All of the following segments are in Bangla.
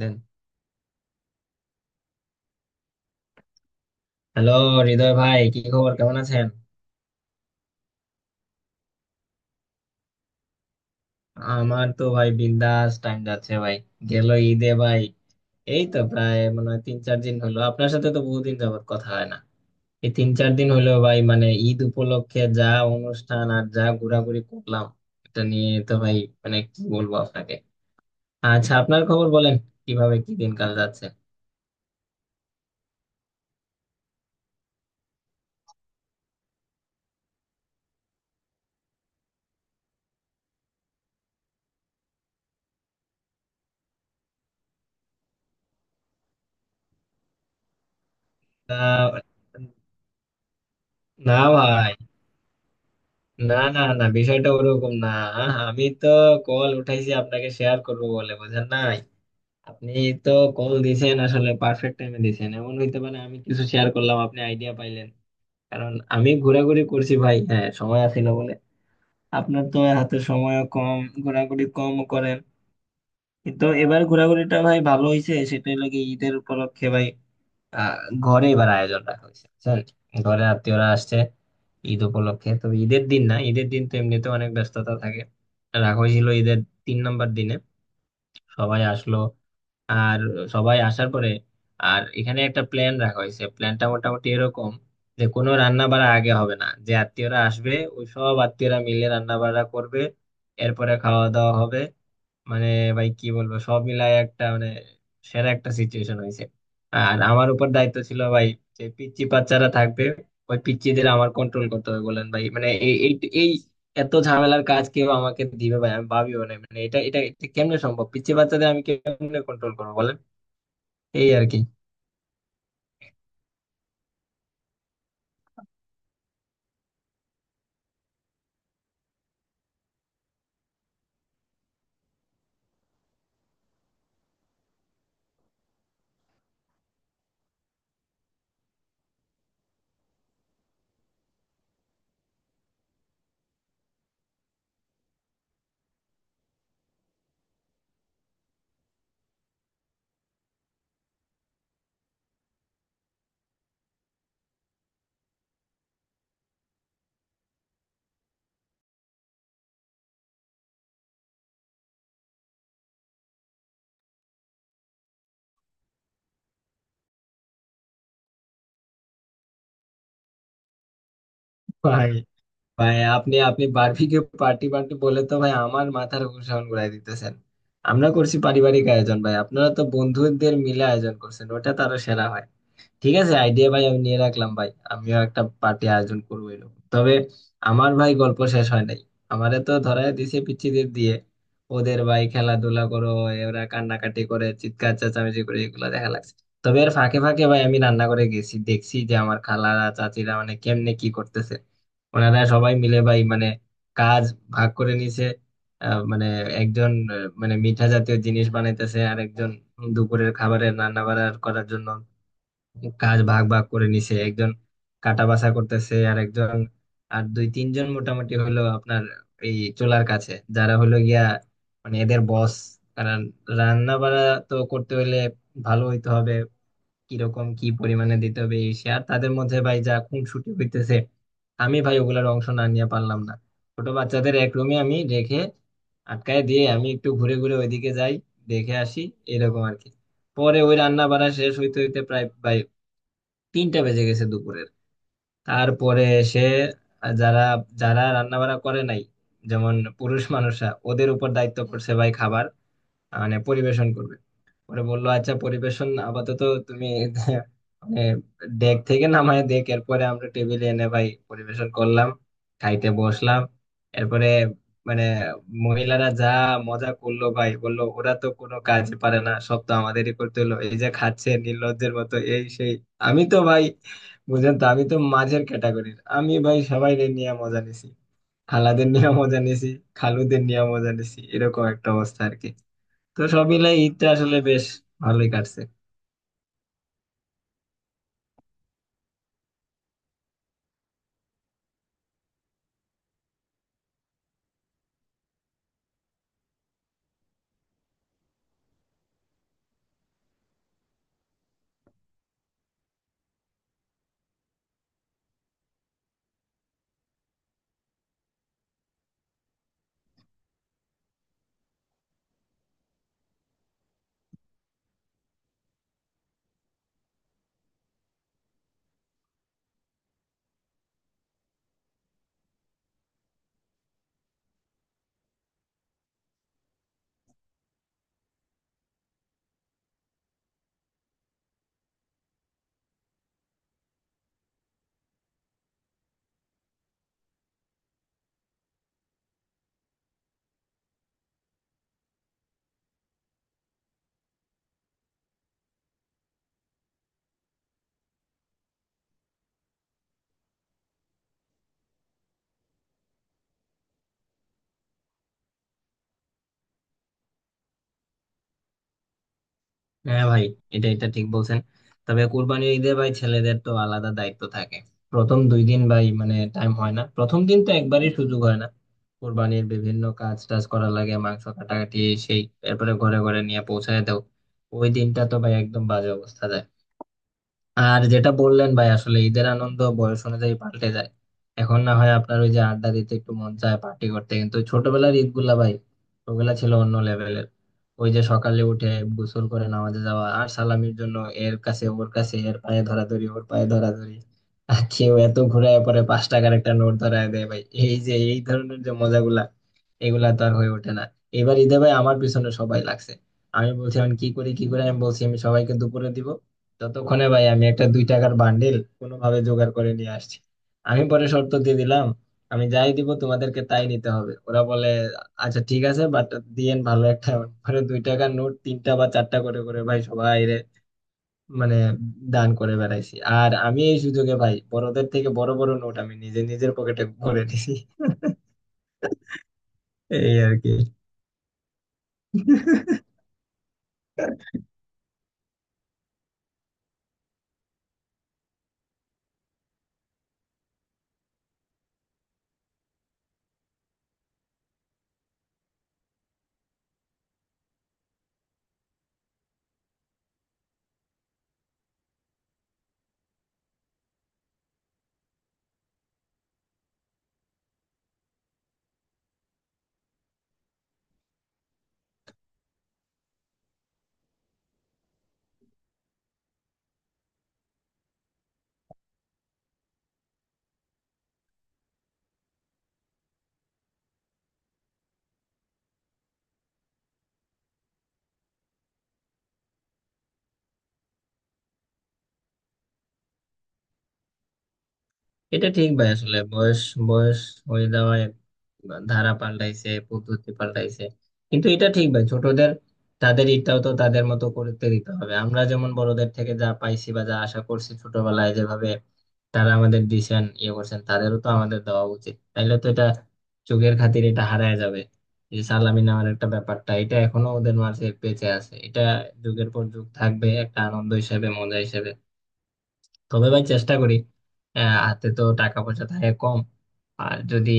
দেন, হ্যালো। হৃদয় ভাই, কি খবর, কেমন আছেন? আমার তো ভাই বিন্দাস টাইম যাচ্ছে ভাই। গেল ঈদে ভাই, এই তো প্রায় মনে হয় তিন চার দিন হলো, আপনার সাথে তো বহুদিন যাবত কথা হয় না। এই তিন চার দিন হলো ভাই, মানে ঈদ উপলক্ষে যা অনুষ্ঠান আর যা ঘোরাঘুরি করলাম, এটা নিয়ে তো ভাই মানে কি বলবো আপনাকে। আচ্ছা, আপনার খবর বলেন, কিভাবে কি দিনকাল যাচ্ছে। তা না ভাই, না না না, বিষয়টা ওরকম না। আমি তো কল উঠাইছি আপনাকে শেয়ার করবো বলে, বুঝেন না। আপনি তো কল দিছেন আসলে পারফেক্ট টাইমে দিছেন, এমন হইতে পারে আমি কিছু শেয়ার করলাম আপনি আইডিয়া পাইলেন। কারণ আমি ঘোরাঘুরি করছি ভাই, হ্যাঁ, সময় আছিল বলে। আপনার তো হাতে সময় কম, ঘোরাঘুরি কম করেন। কিন্তু এবার ঘোরাঘুরিটা ভাই ভালো হইছে। সেটা হলো কি, ঈদের উপলক্ষে ভাই আহ ঘরে এবার আয়োজন রাখা হয়েছে, বুঝছেন, ঘরে আত্মীয়রা আসছে ঈদ উপলক্ষে। তবে ঈদের দিন না, ঈদের দিন তো এমনিতে অনেক ব্যস্ততা থাকে। রাখা হয়েছিল ঈদের 3 নম্বর দিনে। সবাই আসলো, আর সবাই আসার পরে আর এখানে একটা প্ল্যান রাখা হয়েছে। প্ল্যানটা মোটামুটি এরকম যে কোনো রান্না বাড়া আগে হবে না, যে আত্মীয়রা আসবে ওই সব আত্মীয়রা মিলে রান্না বাড়া করবে, এরপরে খাওয়া দাওয়া হবে। মানে ভাই কি বলবো, সব মিলাই একটা মানে সেরা একটা সিচুয়েশন হয়েছে। আর আমার উপর দায়িত্ব ছিল ভাই, যে পিচ্চি বাচ্চারা থাকবে ওই পিচ্চিদের আমার কন্ট্রোল করতে হবে। বলেন ভাই মানে এই এই এই এত ঝামেলার কাজ কেউ আমাকে দিবে ভাই, আমি ভাবিও না। মানে এটা এটা এটা কেমনে সম্ভব, পিচ্চি বাচ্চাদের আমি কেমনে কন্ট্রোল করবো বলেন, এই আর কি। ভাই ভাই, আপনি আপনি বার্বিকিউ পার্টি পার্টি বলে তো ভাই আমার মাথার উপর ঘুরাই দিতেছেন। আমরা করছি পারিবারিক আয়োজন ভাই, আপনারা তো বন্ধুদের মিলে আয়োজন করছেন, ওটা তারও সেরা হয়। ঠিক আছে, আইডিয়া ভাই আমি নিয়ে রাখলাম, ভাই আমিও একটা পার্টি আয়োজন করবো এরকম। তবে আমার ভাই গল্প শেষ হয় নাই। আমারে তো ধরায় দিছে পিচ্চিদের দিয়ে, ওদের ভাই খেলাধুলা করো। ওরা কান্নাকাটি করে, চিৎকার চেঁচামেচি করে, এগুলো দেখা লাগছে। তবে এর ফাঁকে ফাঁকে ভাই আমি রান্না করে গেছি, দেখছি যে আমার খালারা চাচিরা মানে কেমনে কি করতেছে। ওনারা সবাই মিলে ভাই মানে কাজ ভাগ করে নিছে। মানে একজন মানে মিঠা জাতীয় জিনিস বানাইতেছে, আর একজন দুপুরের খাবারের রান্না বাড়া করার জন্য। কাজ ভাগ ভাগ করে নিছে, একজন কাটা বাছা করতেছে, আর একজন, আর দুই তিনজন মোটামুটি হলো আপনার এই চুলার কাছে, যারা হলো গিয়া মানে এদের বস। কারণ রান্না বাড়া তো করতে হলে ভালো হইতে হবে, কিরকম কি পরিমাণে দিতে হবে এই সে। আর তাদের মধ্যে ভাই যা খুনসুটি হইতেছে, আমি ভাই ওগুলার অংশ না নিয়ে পারলাম না। ছোট বাচ্চাদের এক রুমে আমি রেখে আটকায় দিয়ে আমি একটু ঘুরে ঘুরে ওইদিকে যাই, দেখে আসি, এরকম আর কি। পরে ওই রান্না বাড়া শেষ হইতে হইতে প্রায় 3টা বেজে গেছে দুপুরের। তারপরে সে, যারা যারা রান্না বান্না করে নাই যেমন পুরুষ মানুষরা, ওদের উপর দায়িত্ব পড়ছে ভাই খাবার মানে পরিবেশন করবে। পরে বললো আচ্ছা পরিবেশন আপাতত তুমি মানে ডেক থেকে নামায় দেখ, এরপরে আমরা টেবিলে এনে ভাই পরিবেশন করলাম, খাইতে বসলাম। এরপরে মানে মহিলারা যা মজা করলো ভাই, বললো ওরা তো কোনো কাজ পারে না, সব তো আমাদেরই করতে হলো, এই যে খাচ্ছে নির্লজ্জের মতো, এই সেই। আমি তো ভাই, বুঝলেন তো, আমি তো মাঝের ক্যাটাগরির, আমি ভাই সবাই নিয়ে মজা নিছি, খালাদের নিয়ে মজা নিছি, খালুদের নিয়ে মজা নিছি, এরকম একটা অবস্থা আর কি। তো সব মিলে ঈদটা আসলে বেশ ভালোই কাটছে। হ্যাঁ ভাই, এটা এটা ঠিক বলছেন। তবে কুরবানির ঈদে ভাই ছেলেদের তো আলাদা দায়িত্ব থাকে। প্রথম দুই দিন ভাই মানে টাইম হয় না, প্রথম দিন তো একবারই সুযোগ হয় না। কুরবানির বিভিন্ন কাজ টাজ করা লাগে, মাংস কাটাকাটি সেই, এরপরে ঘরে ঘরে নিয়ে পৌঁছায় দাও। ওই দিনটা তো ভাই একদম বাজে অবস্থা যায়। আর যেটা বললেন ভাই, আসলে ঈদের আনন্দ বয়স অনুযায়ী পাল্টে যায়। এখন না হয় আপনার ওই যে আড্ডা দিতে একটু মন চায়, পার্টি করতে, কিন্তু ছোটবেলার ঈদ গুলা ভাই, ওগুলা ছিল অন্য লেভেলের। ওই যে সকালে উঠে গোসল করে নামাজে যাওয়া, আর সালামির জন্য এর কাছে ওর কাছে, এর পায়ে ধরাধরি ওর পায়ে ধরাধরি, আর কেউ এত ঘুরায় পরে 5 টাকার একটা নোট ধরায় দেয় ভাই, এই যে এই ধরনের যে মজাগুলা, এগুলা তো আর হয়ে ওঠে না। এবার ঈদে ভাই আমার পিছনে সবাই লাগছে। আমি বলছি আমি কি করি কি করে, আমি বলছি আমি সবাইকে দুপুরে দিব। ততক্ষণে ভাই আমি একটা 2 টাকার বান্ডিল কোনোভাবে জোগাড় করে নিয়ে আসছি। আমি পরে শর্ত দিয়ে দিলাম, আমি যাই দিব তোমাদেরকে তাই নিতে হবে। ওরা বলে আচ্ছা ঠিক আছে, বাট দিয়েন ভালো একটা। পরে 2 টাকার নোট তিনটা বা চারটা করে করে ভাই সবাই রে মানে দান করে বেড়াইছি। আর আমি এই সুযোগে ভাই বড়দের থেকে বড় বড় নোট আমি নিজে নিজের পকেটে ভরে নিছি। এই আর কি। এটা ঠিক ভাই, আসলে বয়স বয়স হয়ে যাওয়ায় ধারা পাল্টাইছে, পদ্ধতি পাল্টাইছে। কিন্তু এটা ঠিক ভাই, ছোটদের তাদের ইটাও তো তাদের মতো করতে দিতে হবে। আমরা যেমন বড়দের থেকে যা পাইছি বা যা আশা করছি ছোটবেলায়, যেভাবে তারা আমাদের দিছেন ইয়ে করছেন, তাদেরও তো আমাদের দেওয়া উচিত। তাইলে তো এটা যুগের খাতির এটা হারায় যাবে। এই যে সালামি নেওয়ার একটা ব্যাপারটা, এটা এখনো ওদের মাঝে বেঁচে আছে, এটা যুগের পর যুগ থাকবে একটা আনন্দ হিসেবে, মজা হিসেবে। তবে ভাই চেষ্টা করি, হাতে তো টাকা পয়সা থাকে কম, আর যদি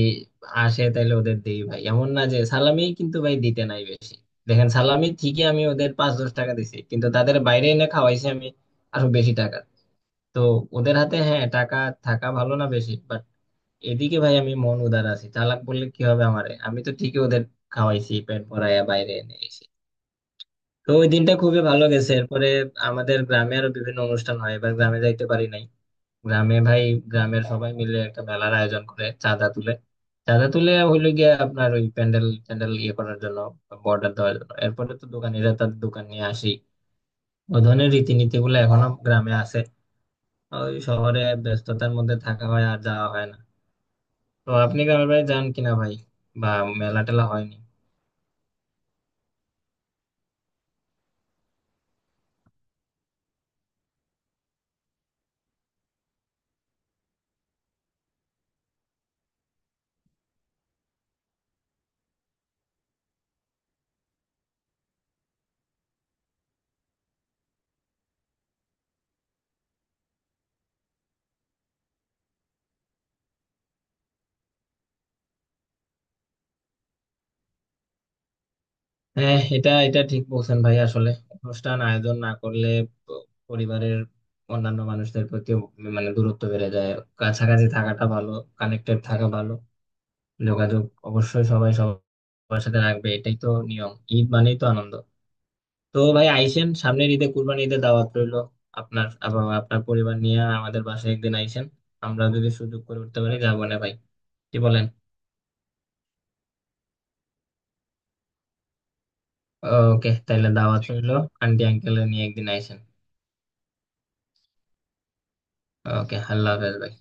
আসে তাহলে ওদের দিই ভাই। এমন না যে সালামি কিন্তু ভাই দিতে নাই বেশি। দেখেন, সালামি ঠিকই আমি ওদের 5-10 টাকা দিছি, কিন্তু তাদের বাইরে এনে খাওয়াইছি আমি আরো বেশি টাকা। তো ওদের হাতে হ্যাঁ টাকা থাকা ভালো না বেশি, বাট এদিকে ভাই আমি মন উদার আছি। চালাক বললে কি হবে আমারে, আমি তো ঠিকই ওদের খাওয়াইছি পেট ভরাইয়া বাইরে এনে এসে। তো ওই দিনটা খুবই ভালো গেছে। এরপরে আমাদের গ্রামে আরো বিভিন্ন অনুষ্ঠান হয়, এবার গ্রামে যাইতে পারি নাই। গ্রামে ভাই, গ্রামের সবাই মিলে একটা মেলার আয়োজন করে, চাঁদা তুলে। চাঁদা তুলে হইলো গিয়ে আপনার ওই প্যান্ডেল ট্যান্ডেল ইয়ে করার জন্য, বর্ডার দেওয়ার জন্য, এরপরে তো দোকানিরা তাদের দোকান নিয়ে আসি। ওই ধরনের রীতিনীতি গুলো এখনো গ্রামে আছে। ওই শহরে ব্যস্ততার মধ্যে থাকা হয়, আর যাওয়া হয় না। তো আপনি গ্রামের বাড়ি যান কিনা ভাই, বা মেলা টেলা হয়নি? হ্যাঁ, এটা এটা ঠিক বলছেন ভাই। আসলে অনুষ্ঠান আয়োজন না করলে প- পরিবারের অন্যান্য মানুষদের প্রতি মানে দূরত্ব বেড়ে যায়। কাছাকাছি থাকাটা ভালো, কানেক্টেড থাকা ভালো, যোগাযোগ অবশ্যই সবাই সবার সাথে রাখবে, এটাই তো নিয়ম, ঈদ মানেই তো আনন্দ। তো ভাই আইসেন, সামনের ঈদে কুরবানি ঈদে দাওয়াত রইলো। আপনার আবার আপনার পরিবার নিয়ে আমাদের বাসায় একদিন আইসেন। আমরা যদি সুযোগ করে উঠতে পারি যাবো না ভাই, কি বলেন? ওকে তাহলে দাওয়াত রইলো, আন্টি আঙ্কেল নিয়ে একদিন আইসেন। ওকে, আল্লাহ হাফেজ ভাই।